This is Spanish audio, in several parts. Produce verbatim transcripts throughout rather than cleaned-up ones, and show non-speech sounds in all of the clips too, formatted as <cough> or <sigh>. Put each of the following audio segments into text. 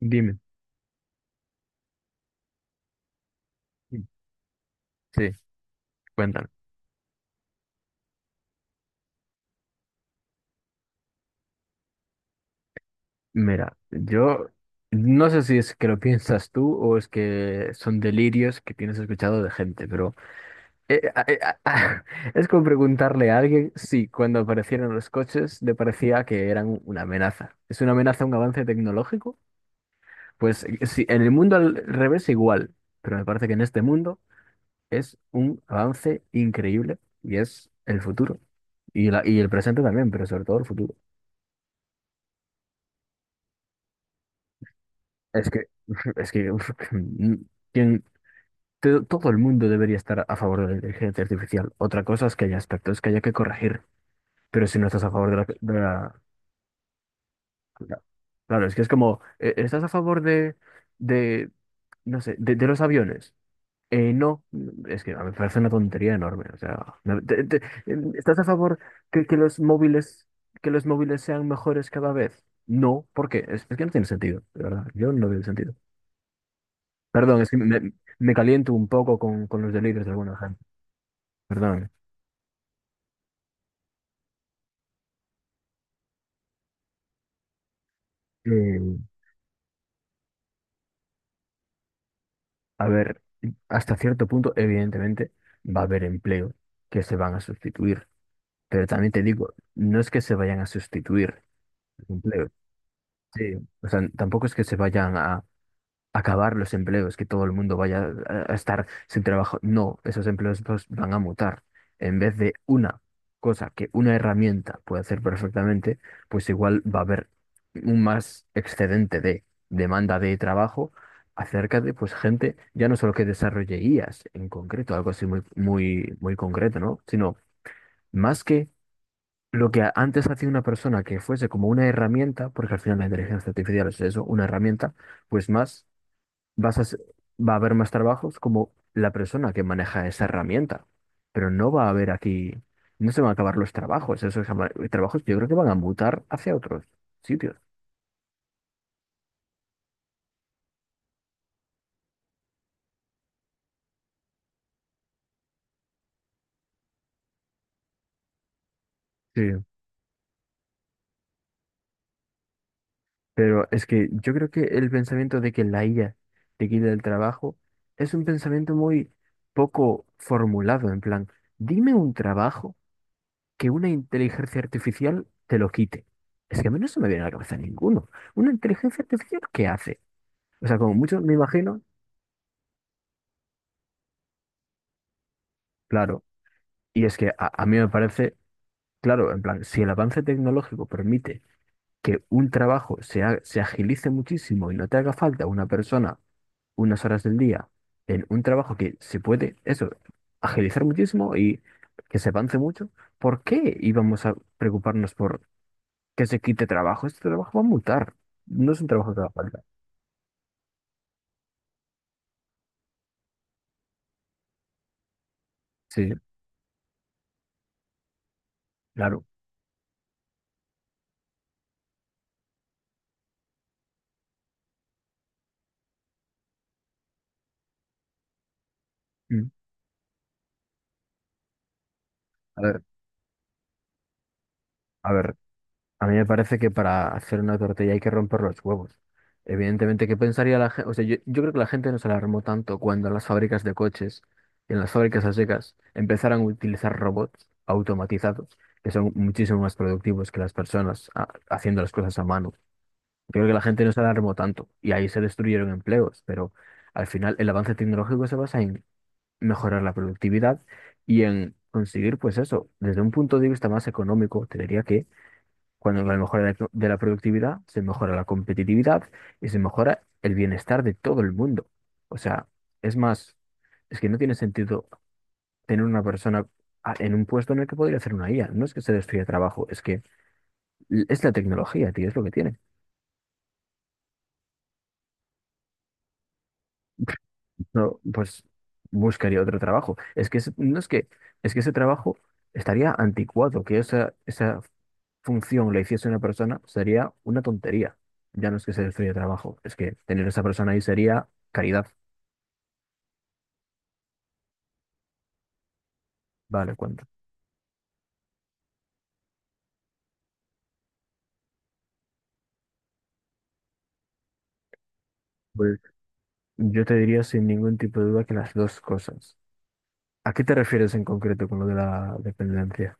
Dime. Sí, cuéntame. Mira, yo no sé si es que lo <laughs> piensas tú o es que son delirios que tienes escuchado de gente, pero eh, a- eh, a- <laughs> es como preguntarle a alguien si cuando aparecieron los coches le parecía que eran una amenaza. ¿Es una amenaza un avance tecnológico? Pues eh, sí, en el mundo al revés igual, pero me parece que en este mundo es un avance increíble y es el futuro. Y, la, y el presente también, pero sobre todo el futuro. Es que, <laughs> es que, uf, <laughs> quien- te- todo el mundo debería estar a favor de la inteligencia artificial. Otra cosa es que haya aspectos que haya que corregir, pero si no estás a favor de la... de la- la- claro, es que es como, eh, ¿estás a favor de, de, no sé, de, de los aviones? Eh, no, mm, es que a mí me parece una tontería enorme. O sea, no- te- te- mm, ¿estás a favor que, que los móviles, que los móviles sean mejores cada vez? No, ¿por qué? Es, es que no tiene sentido, de verdad. Yo no veo el sentido. Perdón, es que me, me caliento un poco con, con los delitos de alguna gente. Perdón. Eh, a ver, hasta cierto punto, evidentemente, va a haber empleos que se van a sustituir. Pero también te digo, no es que se vayan a sustituir los empleos. Sí. O sea, tampoco es que se vayan a acabar los empleos, que todo el mundo vaya a a estar sin trabajo. No, esos empleos pues van a mutar. En vez de una cosa que una herramienta puede hacer perfectamente, pues igual va a haber un más excedente de demanda de trabajo acerca de pues gente, ya no solo que desarrolle I As en concreto, algo así muy, muy, muy concreto, ¿no? Sino más que lo que a- antes hacía una persona que fuese como una herramienta, porque al final la inteligencia artificial es eso, una herramienta, pues más vas a, se- va a haber más trabajos como la persona que maneja esa herramienta, pero no va a haber aquí, no se van a acabar los trabajos, esos jama- trabajos yo creo que van a mutar hacia otros sitios. Sí. Pero es que yo creo que el pensamiento de que la I A te quita el trabajo es un pensamiento muy poco formulado, en plan, dime un trabajo que una inteligencia artificial te lo quite. Es que a mí no se me viene a la cabeza ninguno. ¿Una inteligencia artificial qué hace? O sea, como muchos me imagino, claro. Y es que a, a mí me parece, claro, en plan, si el avance tecnológico permite que un trabajo se, ha- se agilice muchísimo y no te haga falta una persona unas horas del día en un trabajo que se puede, eso, agilizar muchísimo y que se avance mucho, ¿por qué íbamos a preocuparnos por que se quite trabajo? Este trabajo va a mutar, no es un trabajo que haga falta. Sí, claro. Mm. A ver, a ver. A mí me parece que para hacer una tortilla hay que romper los huevos. Evidentemente, ¿qué pensaría la gente? O sea, yo, yo creo que la gente no se alarmó tanto cuando en las fábricas de coches y en las fábricas a secas empezaron a utilizar robots automatizados, que son muchísimo más productivos que las personas ha- haciendo las cosas a mano. Yo creo que la gente no se alarmó tanto y ahí se destruyeron empleos, pero al final el avance tecnológico se basa en mejorar la productividad y en conseguir, pues eso, desde un punto de vista más económico, te diría que cuando la mejora de de la productividad, se mejora la competitividad y se mejora el bienestar de todo el mundo. O sea, es más, es que no tiene sentido tener una persona a- en un puesto en el que podría hacer una I A. No es que se destruya trabajo, es que l- es la tecnología, tío, es lo que tiene. No, pues buscaría otro trabajo. Es que ese- no es que, es que ese trabajo estaría anticuado. Que esa, esa función la hiciese una persona sería una tontería. Ya no es que se destruya trabajo, es que tener esa persona ahí sería caridad. Vale, cuenta. Pues yo te diría sin ningún tipo de duda que las dos cosas. ¿A qué te refieres en concreto con lo de la dependencia?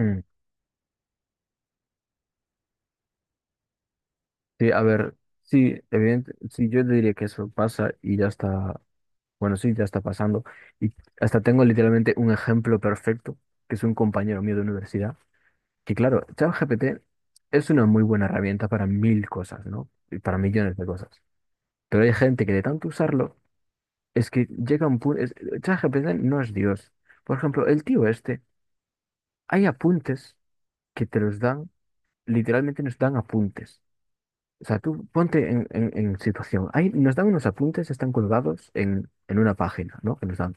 Mm, sí, a ver, sí, evidente, sí, yo te diría que eso pasa y ya está. Bueno, sí, ya está pasando. Y hasta tengo literalmente un ejemplo perfecto, que es un compañero mío de universidad, que claro, ChatGPT es una muy buena herramienta para mil cosas, ¿no? Y para millones de cosas. Pero hay gente que de tanto usarlo, es que llega un punto... ChatGPT no es Dios. Por ejemplo, el tío este, hay apuntes que te los dan, literalmente nos dan apuntes. O sea, tú ponte en, en- en situación. Hay nos dan unos apuntes, están colgados en, en una página, ¿no? Que nos dan.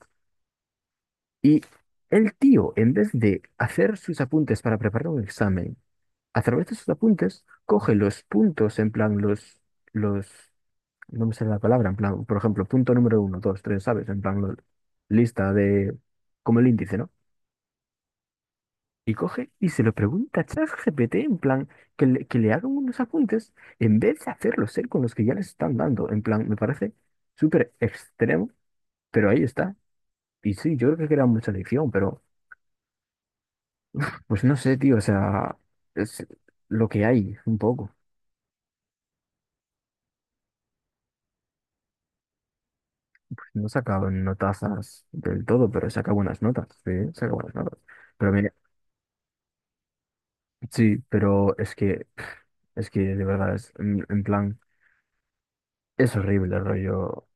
Y el tío, en vez de hacer sus apuntes para preparar un examen, a través de sus apuntes, coge los puntos, en plan, los, los, no me sale la palabra, en plan, por ejemplo, punto número uno, dos, tres, ¿sabes? En plan, lo- lista de, como el índice, ¿no? Y coge y se lo pregunta a ChatGPT, en plan, que le, que le hagan unos apuntes, en vez de hacerlos él con los que ya les están dando, en plan, me parece súper extremo, pero ahí está. Y sí, yo creo que era mucha lección, pero... Pues no sé, tío, o sea, es lo que hay, un poco. No sacaban notazas del todo, pero saca buenas notas, sí, saca buenas notas. Pero mira, sí, pero es que, es que de verdad, es, en, en plan, es horrible el rollo.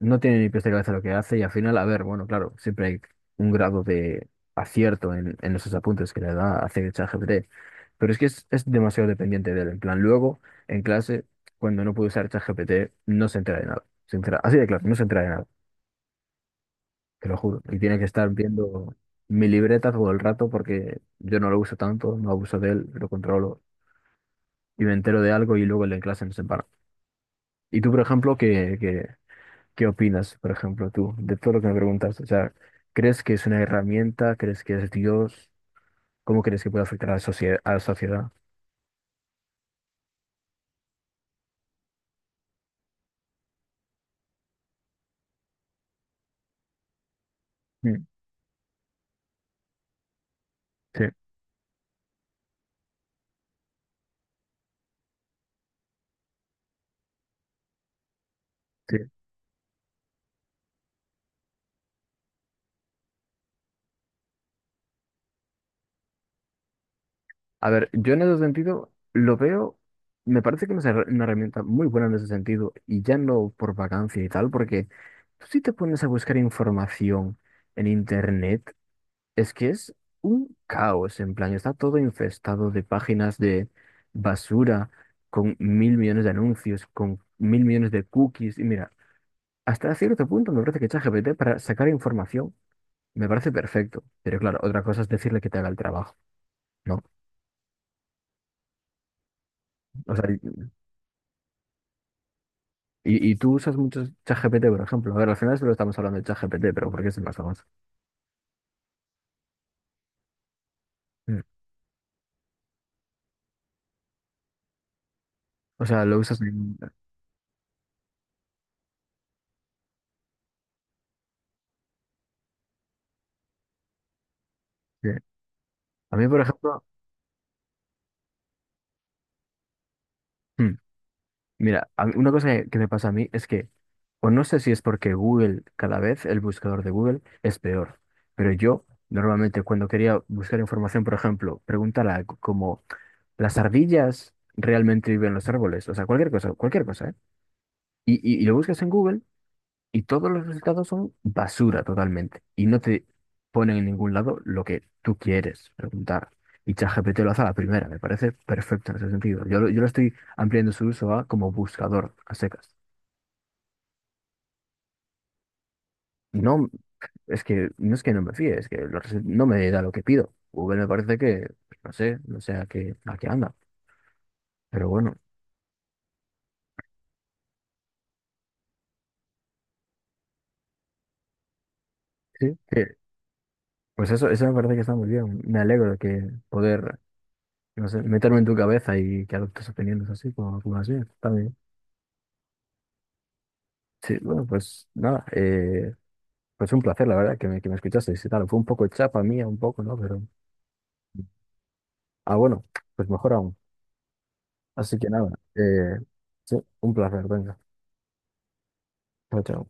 No tiene ni pies de cabeza lo que hace y al final, a ver, bueno, claro, siempre hay un grado de acierto en, en esos apuntes que le da a ChatGPT, pero es que es, es demasiado dependiente de él. En plan, luego, en clase, cuando no puede usar ChatGPT, no se entera de nada. Se entera- así de claro, no se entera de nada, te lo juro. Y tiene que estar viendo mi libreta todo el rato porque yo no lo uso tanto, no abuso de él, lo controlo y me entero de algo y luego en la clase no se para. ¿Y tú, por ejemplo, que qué opinas, por ejemplo, tú, de todo lo que me preguntas? O sea, ¿crees que es una herramienta? ¿Crees que es Dios? ¿Cómo crees que puede afectar a la sociedad, a la sociedad? Mm, sí, sí. A ver, yo en ese sentido lo veo, me parece que no es una her- una herramienta muy buena en ese sentido, y ya no por vacancia y tal, porque tú sí te pones a buscar información en internet. Es que es un caos, en plan, está todo infestado de páginas de basura con mil millones de anuncios, con mil millones de cookies. Y mira, hasta cierto punto me parece que ChatGPT para sacar información me parece perfecto. Pero claro, otra cosa es decirle que te haga el trabajo, ¿no? O sea, y, y tú usas mucho ChatGPT, por ejemplo. A ver, al final solo estamos hablando de ChatGPT, pero porque es el más famoso. Mm. O sea, lo usas. En- sí. A mí, por ejemplo. Mm. Mira, a mí- una cosa que que me pasa a mí es que, o no sé si es porque Google, cada vez el buscador de Google es peor, pero yo normalmente cuando quería buscar información, por ejemplo, preguntar algo como, ¿las ardillas realmente viven en los árboles? O sea, cualquier cosa, cualquier cosa, ¿eh? Y, y, y lo buscas en Google y todos los resultados son basura totalmente y no te ponen en ningún lado lo que tú quieres preguntar. Y ChatGPT lo hace a la primera, me parece perfecto en ese sentido. Yo, lo- yo lo estoy ampliando su uso a como buscador a secas. No, es que no es que no me fíe, es que los resu- no me da lo que pido. Google me parece que, pues, no sé, no sé a qué, a qué anda. Pero bueno, sí, que- pues eso, eso me parece que está muy bien. Me alegro de que poder, no sé, meterme en tu cabeza y que adoptes opiniones así como, como las mías. Está bien. Sí, bueno, pues nada, eh, pues un placer, la verdad, que me, que me escuchasteis y tal. Fue un poco chapa mía, un poco, ¿no? Pero, ah, bueno, pues mejor aún. Así que nada, eh, sí, un placer, venga. Chao, chao.